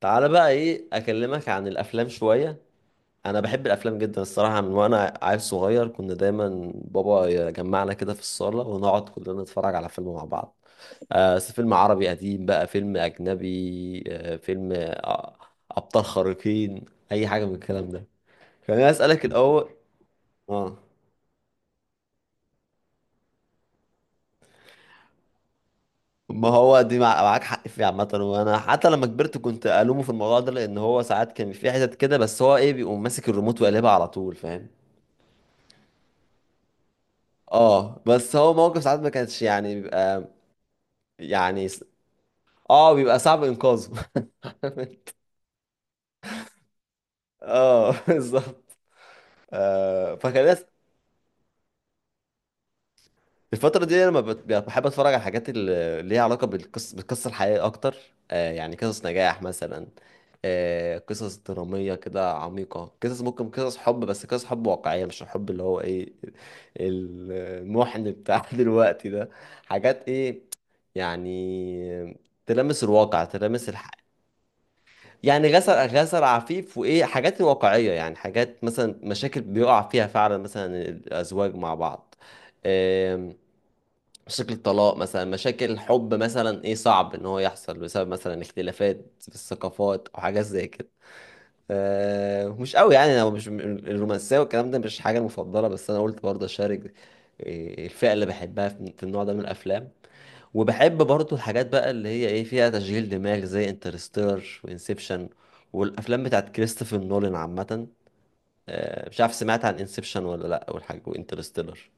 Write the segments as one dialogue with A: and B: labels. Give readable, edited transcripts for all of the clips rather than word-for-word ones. A: تعالى بقى ايه اكلمك عن الافلام شويه. انا بحب الافلام جدا الصراحه، من وانا عيل صغير كنا دايما بابا يجمعنا كده في الصاله ونقعد كلنا نتفرج على فيلم مع بعض. فيلم عربي قديم، بقى فيلم اجنبي، فيلم ابطال خارقين، اي حاجه من الكلام ده. خليني اسالك الاول. اه، ما هو دي معاك حق فيه عامة، وانا حتى لما كبرت كنت الومه في الموضوع ده، لان هو ساعات كان في حتت كده، بس هو ايه، بيقوم ماسك الريموت وقلبها على طول، فاهم. اه بس هو موقف ساعات ما كانش يعني بيبقى يعني س- اه بيبقى صعب انقاذه. اه بالظبط. فخلاص. الفترة دي لما بحب اتفرج على الحاجات اللي ليها علاقة بالقصة، بالقصة الحقيقية اكتر. يعني قصص نجاح مثلا، قصص درامية كده عميقة، قصص ممكن قصص حب، بس قصص حب واقعية، مش الحب اللي هو ايه، المحن بتاع دلوقتي ده. حاجات ايه، يعني تلامس الواقع، تلامس الحقيقة. يعني غسل عفيف، وايه حاجات واقعيه، يعني حاجات مثلا مشاكل بيقع فيها فعلا مثلا الازواج مع بعض. آم، مشاكل الطلاق مثلا، مشاكل الحب مثلا، ايه صعب ان هو يحصل بسبب مثلا اختلافات في الثقافات او حاجات زي كده. مش قوي يعني، انا مش الرومانسيه والكلام ده مش حاجه المفضله، بس انا قلت برضه اشارك الفئه اللي بحبها في النوع ده من الافلام. وبحب برضو الحاجات بقى اللي هي ايه، فيها تشغيل دماغ، زي انترستيلر وانسبشن والافلام بتاعت كريستوفر نولان عامه. مش عارف سمعت عن انسبشن ولا لا والحاجه وانترستيلر.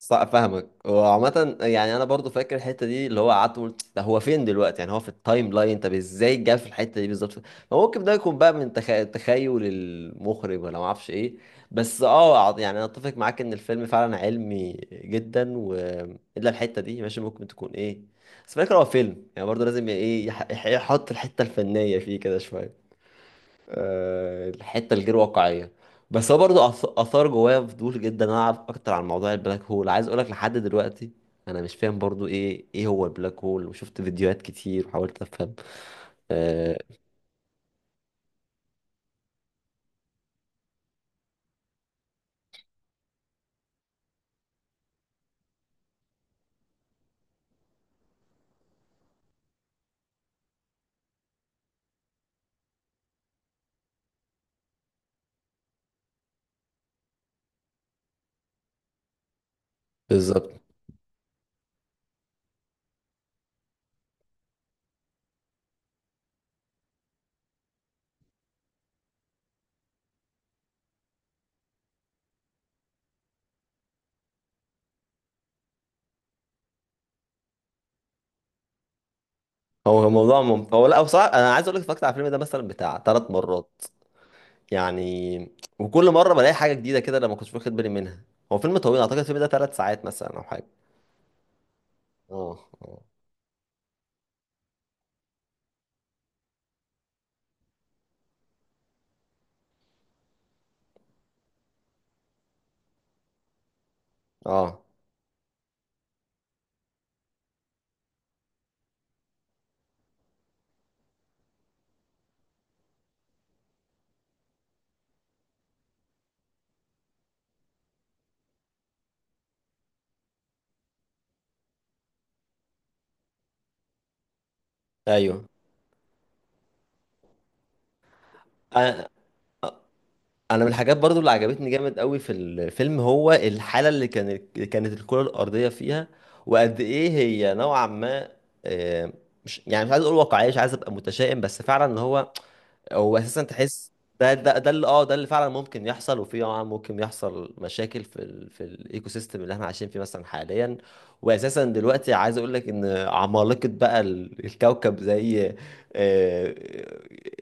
A: صح، فاهمك. وعامة يعني انا برضو فاكر الحتة دي اللي هو قعدت قلت ده، هو فين دلوقتي، يعني هو في التايم لاين، طب ازاي جه في الحتة دي بالظبط. فممكن ده يكون بقى تخيل المخرج ولا ما اعرفش ايه. يعني انا اتفق معاك ان الفيلم فعلا علمي جدا، و الا الحتة دي ماشي ممكن تكون ايه. بس فاكر هو فيلم يعني برضو لازم ايه يحط الحتة الفنية فيه كده شوية. الحته الغير واقعيه. بس هو برضه اثار جوايا فضول جدا إن انا اعرف اكتر عن موضوع البلاك هول، عايز اقولك لحد دلوقتي انا مش فاهم برضه ايه، ايه هو البلاك هول. وشفت فيديوهات كتير وحاولت افهم. آه بالظبط. هو لا بصراحه انا عايز اقولك اتفرجت على الفيلم ده مثلا بتاع ثلاث مرات يعني، وكل مره بلاقي حاجه جديده كده انا ما كنتش واخد بالي منها. هو فيلم طويل، اعتقد الفيلم ده ثلاث ساعات مثلا او حاجه. اه اه اه، ايوه. أنا- انا من الحاجات برضو اللي عجبتني جامد قوي في الفيلم هو الحاله اللي كانت، اللي كانت الكره الارضيه فيها، وقد ايه هي نوعا ما. آه، مش يعني مش عايز اقول واقعيه، مش عايز ابقى متشائم، بس فعلا ان هو، هو اساسا تحس ده ده اللي اه، ده اللي فعلا ممكن يحصل. وفي طبعا ممكن يحصل مشاكل في الايكو سيستم اللي احنا عايشين فيه مثلا حاليا. واساسا دلوقتي عايز اقول لك ان عمالقه بقى الكوكب زي آه،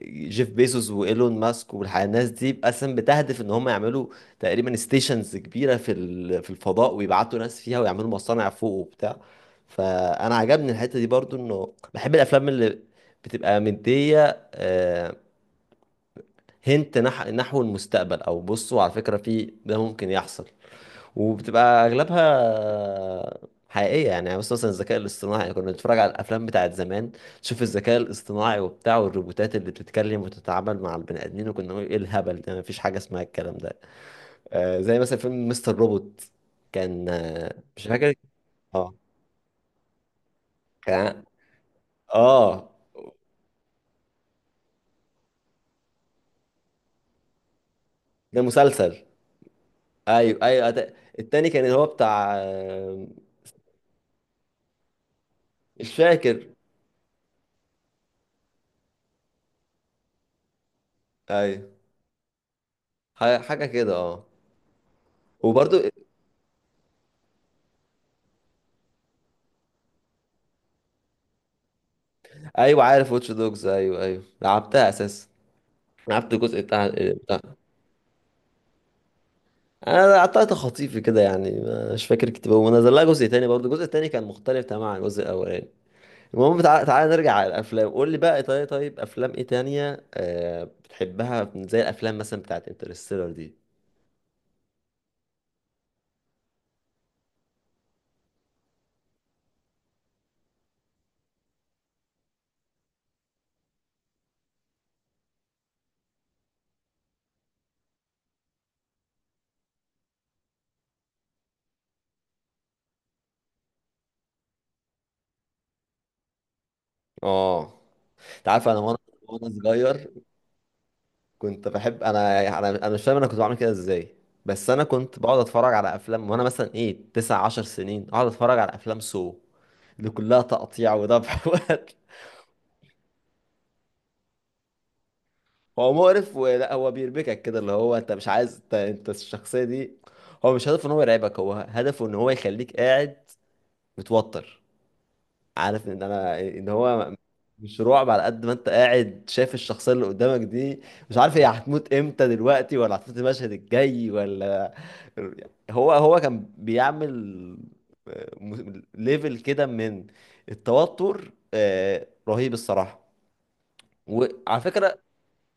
A: جيف بيزوس وايلون ماسك والناس دي، اساسا بتهدف ان هم يعملوا تقريبا ستيشنز كبيره في الفضاء، ويبعتوا ناس فيها، ويعملوا مصانع فوق وبتاع. فانا عجبني الحته دي برضو، انه بحب الافلام اللي بتبقى مديه نحو المستقبل، او بصوا على فكرة في ده ممكن يحصل. وبتبقى اغلبها حقيقية يعني، يعني بس مثلا الذكاء الاصطناعي، يعني كنا بنتفرج على الافلام بتاعت زمان، تشوف الذكاء الاصطناعي وبتاع والروبوتات اللي بتتكلم وتتعامل مع البني ادمين، وكنا نقول ايه الهبل ده، مفيش حاجة اسمها الكلام ده. آه زي مثلا فيلم مستر روبوت. كان مش فاكر. اه كان اه آه. ده مسلسل. ايوه ايوه أت- التاني كان اللي هو بتاع مش فاكر. ايوه حاجة كده اه. وبرضو ايوه عارف واتش دوجز، ايوه ايوه لعبتها اساسا، لعبت الجزء بتاع، بتاع، انا قطعت خطيفي كده يعني، مش فاكر كتير. ونزل لها جزء تاني برضو، الجزء التاني كان مختلف تماما عن الجزء الاولاني. المهم، تعال نرجع على الافلام، قول لي بقى، طيب طيب طيب، افلام ايه تانية بتحبها، زي الافلام مثلا بتاعت انترستيلر دي. اه انت عارف، انا وانا وانا صغير كنت بحب، انا مش فاهم انا كنت بعمل كده ازاي، بس انا كنت بقعد اتفرج على افلام وانا مثلا ايه تسع عشر سنين، اقعد اتفرج على افلام سو اللي كلها تقطيع وذبح وقتل. هو مقرف، ولا هو بيربكك كده اللي هو انت مش عايز انت، انت الشخصيه دي. هو مش هدفه ان هو يرعبك، هو هدفه ان هو يخليك قاعد متوتر، عارف ان انا ان هو مش رعب على قد ما انت قاعد شايف الشخصيه اللي قدامك دي، مش عارف هي هتموت امتى، دلوقتي ولا هتموت المشهد الجاي ولا. هو هو كان بيعمل ليفل كده من التوتر رهيب الصراحه. وعلى فكره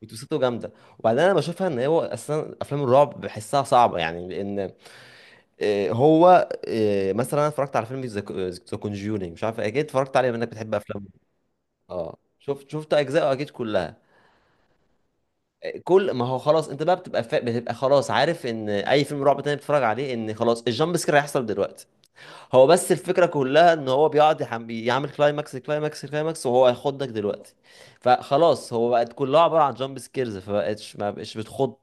A: بتوسته جامده. وبعدين انا بشوفها ان هو اصلا افلام الرعب بحسها صعبه يعني، لان آه، هو آه، مثلا انا اتفرجت على فيلم ذا كونجورينج، مش عارف اكيد اتفرجت عليه، منك بتحب افلام. اه شفت اجزاء اكيد كلها. كل ما هو خلاص انت بقى بتبقى خلاص عارف ان اي فيلم رعب تاني بتتفرج عليه ان خلاص الجامب سكير هيحصل دلوقتي. هو بس الفكره كلها ان هو بيقعد يعمل كلايماكس كلايماكس كلايماكس، وهو هيخضك دلوقتي. فخلاص هو بقت كلها عباره عن جامب سكيرز، فبقتش ما بقتش بتخض.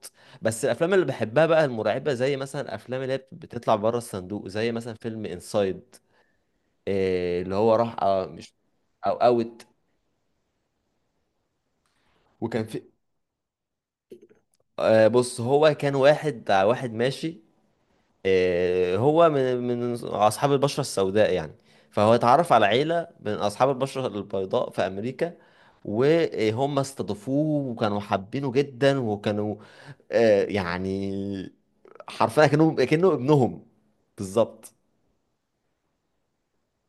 A: بس الافلام اللي بحبها بقى المرعبه، زي مثلا الافلام اللي هي بتطلع بره الصندوق، زي مثلا فيلم انسايد اللي هو راح مش، او اوت. وكان في بص هو كان واحد ماشي، هو من اصحاب البشره السوداء يعني، فهو اتعرف على عيله من اصحاب البشره البيضاء في امريكا، وهم استضافوه وكانوا حابينه جدا، وكانوا يعني حرفيا كانوا كانه ابنهم. بالظبط.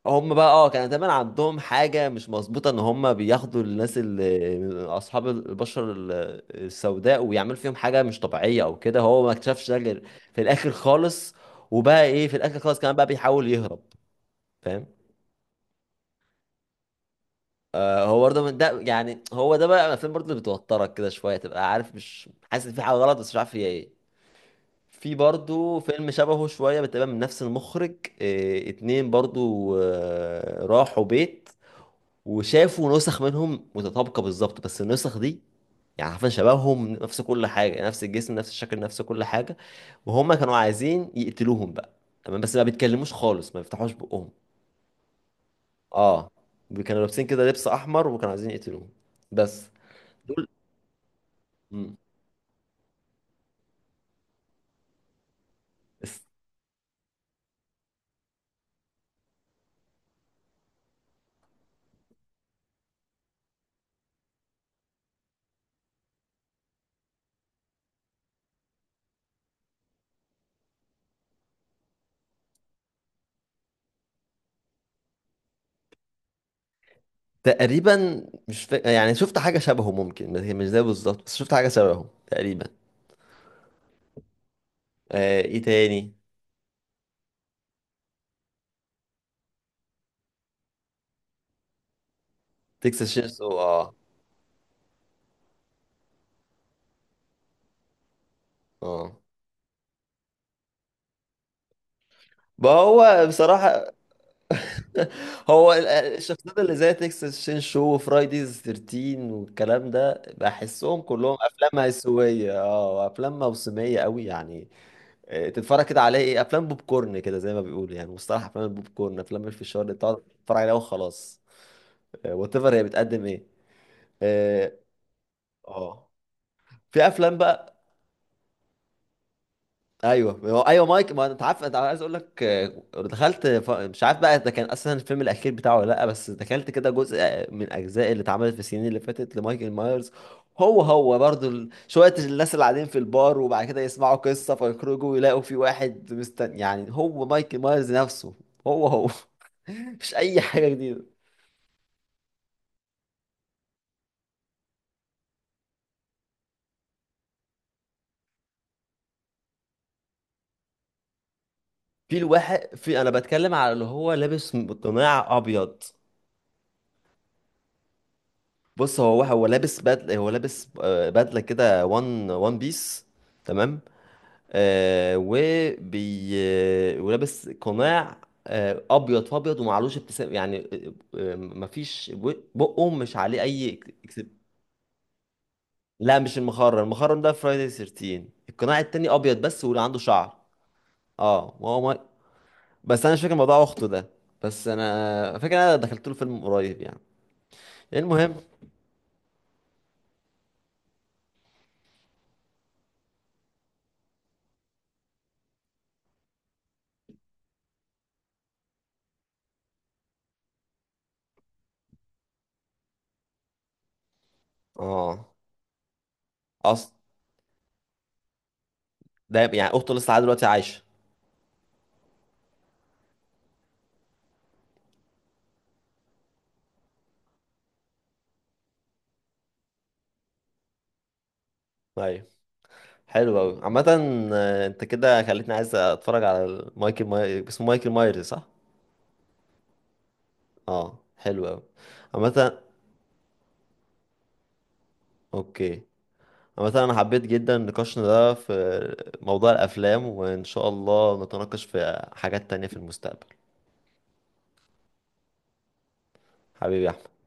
A: هم بقى اه كان دايما عندهم حاجة مش مظبوطة، ان هم بياخدوا الناس اللي اصحاب البشرة السوداء، ويعملوا فيهم حاجة مش طبيعية او كده. هو ما اكتشفش ده غير في الاخر خالص، وبقى ايه في الاخر خالص كمان بقى بيحاول يهرب، فاهم. آه هو برضه من ده يعني، هو ده بقى الافلام برضه اللي بتوترك كده شوية، تبقى عارف مش حاسس ان في حاجة غلط بس مش عارف هي ايه. في برضه فيلم شبهه شوية، بتبقى من نفس المخرج. آه اتنين برضه، آه راحوا بيت وشافوا نسخ منهم متطابقة بالظبط، بس النسخ دي يعني عارفين شبههم، نفس كل حاجة، نفس الجسم، نفس الشكل، نفس كل حاجة، وهم كانوا عايزين يقتلوهم بقى. تمام بس ما بيتكلموش خالص، ما بيفتحوش بقهم. اه، كانوا لابسين كده لبس احمر، وكانوا عايزين يقتلوهم. بس دول مم. بس تقريبا مش فا... يعني شفت حاجة شبهه ممكن، بس هي مش زي بالظبط، بس شفت حاجة شبهه تقريبا. آه ايه تاني. تكساس شيرسو اه اه. ما هو بصراحة هو الشخصيات اللي زي تكساس شين شو وفرايديز 13 والكلام ده، بحسهم كلهم افلام هيسويه اه، افلام موسميه قوي يعني. تتفرج كده عليه، ايه افلام بوب كورن كده زي ما بيقولوا، يعني مصطلح افلام البوب كورن، افلام الفشار اللي بتقعد تتفرج عليها وخلاص، وات ايفر هي بتقدم ايه. اه آه. في افلام بقى. ايوه هو مايك، ما انت عارف انت عايز اقول لك دخلت مش عارف بقى ده كان اصلا الفيلم الاخير بتاعه ولا لا، بس دخلت كده جزء من اجزاء اللي اتعملت في السنين اللي فاتت لمايكل مايرز. هو هو برضو شويه الناس اللي قاعدين في البار، وبعد كده يسمعوا قصه فيخرجوا ويلاقوا في واحد مستني يعني هو مايكل مايرز نفسه. هو مش اي حاجه جديده. في الواحد في، انا بتكلم على اللي هو لابس قناع ابيض. بص هو لابس بدله، هو لابس بدله كده وان وان بيس. تمام. آه وبي آه، ولابس قناع آه ابيض في ابيض، ومعلوش ابتسام يعني مفيش بقه مش عليه اي اكسب. لا مش المخرم، المخرم ده فرايداي 13. القناع التاني ابيض بس، واللي عنده شعر اه. وهو ما... بس انا مش فاكر موضوع اخته ده، بس انا فاكر انا دخلت له فيلم قريب يعني. المهم اه اصل ده يعني، اخته لسه لحد دلوقتي عايشه. ايوه، حلو قوي عامة. انت كده خليتني عايز اتفرج على اسمه مايكل مايرز صح؟ اه حلو قوي عامة، اوكي. عامة انا حبيت جدا نقاشنا ده في موضوع الافلام، وان شاء الله نتناقش في حاجات تانية في المستقبل. حبيبي يا أحمد.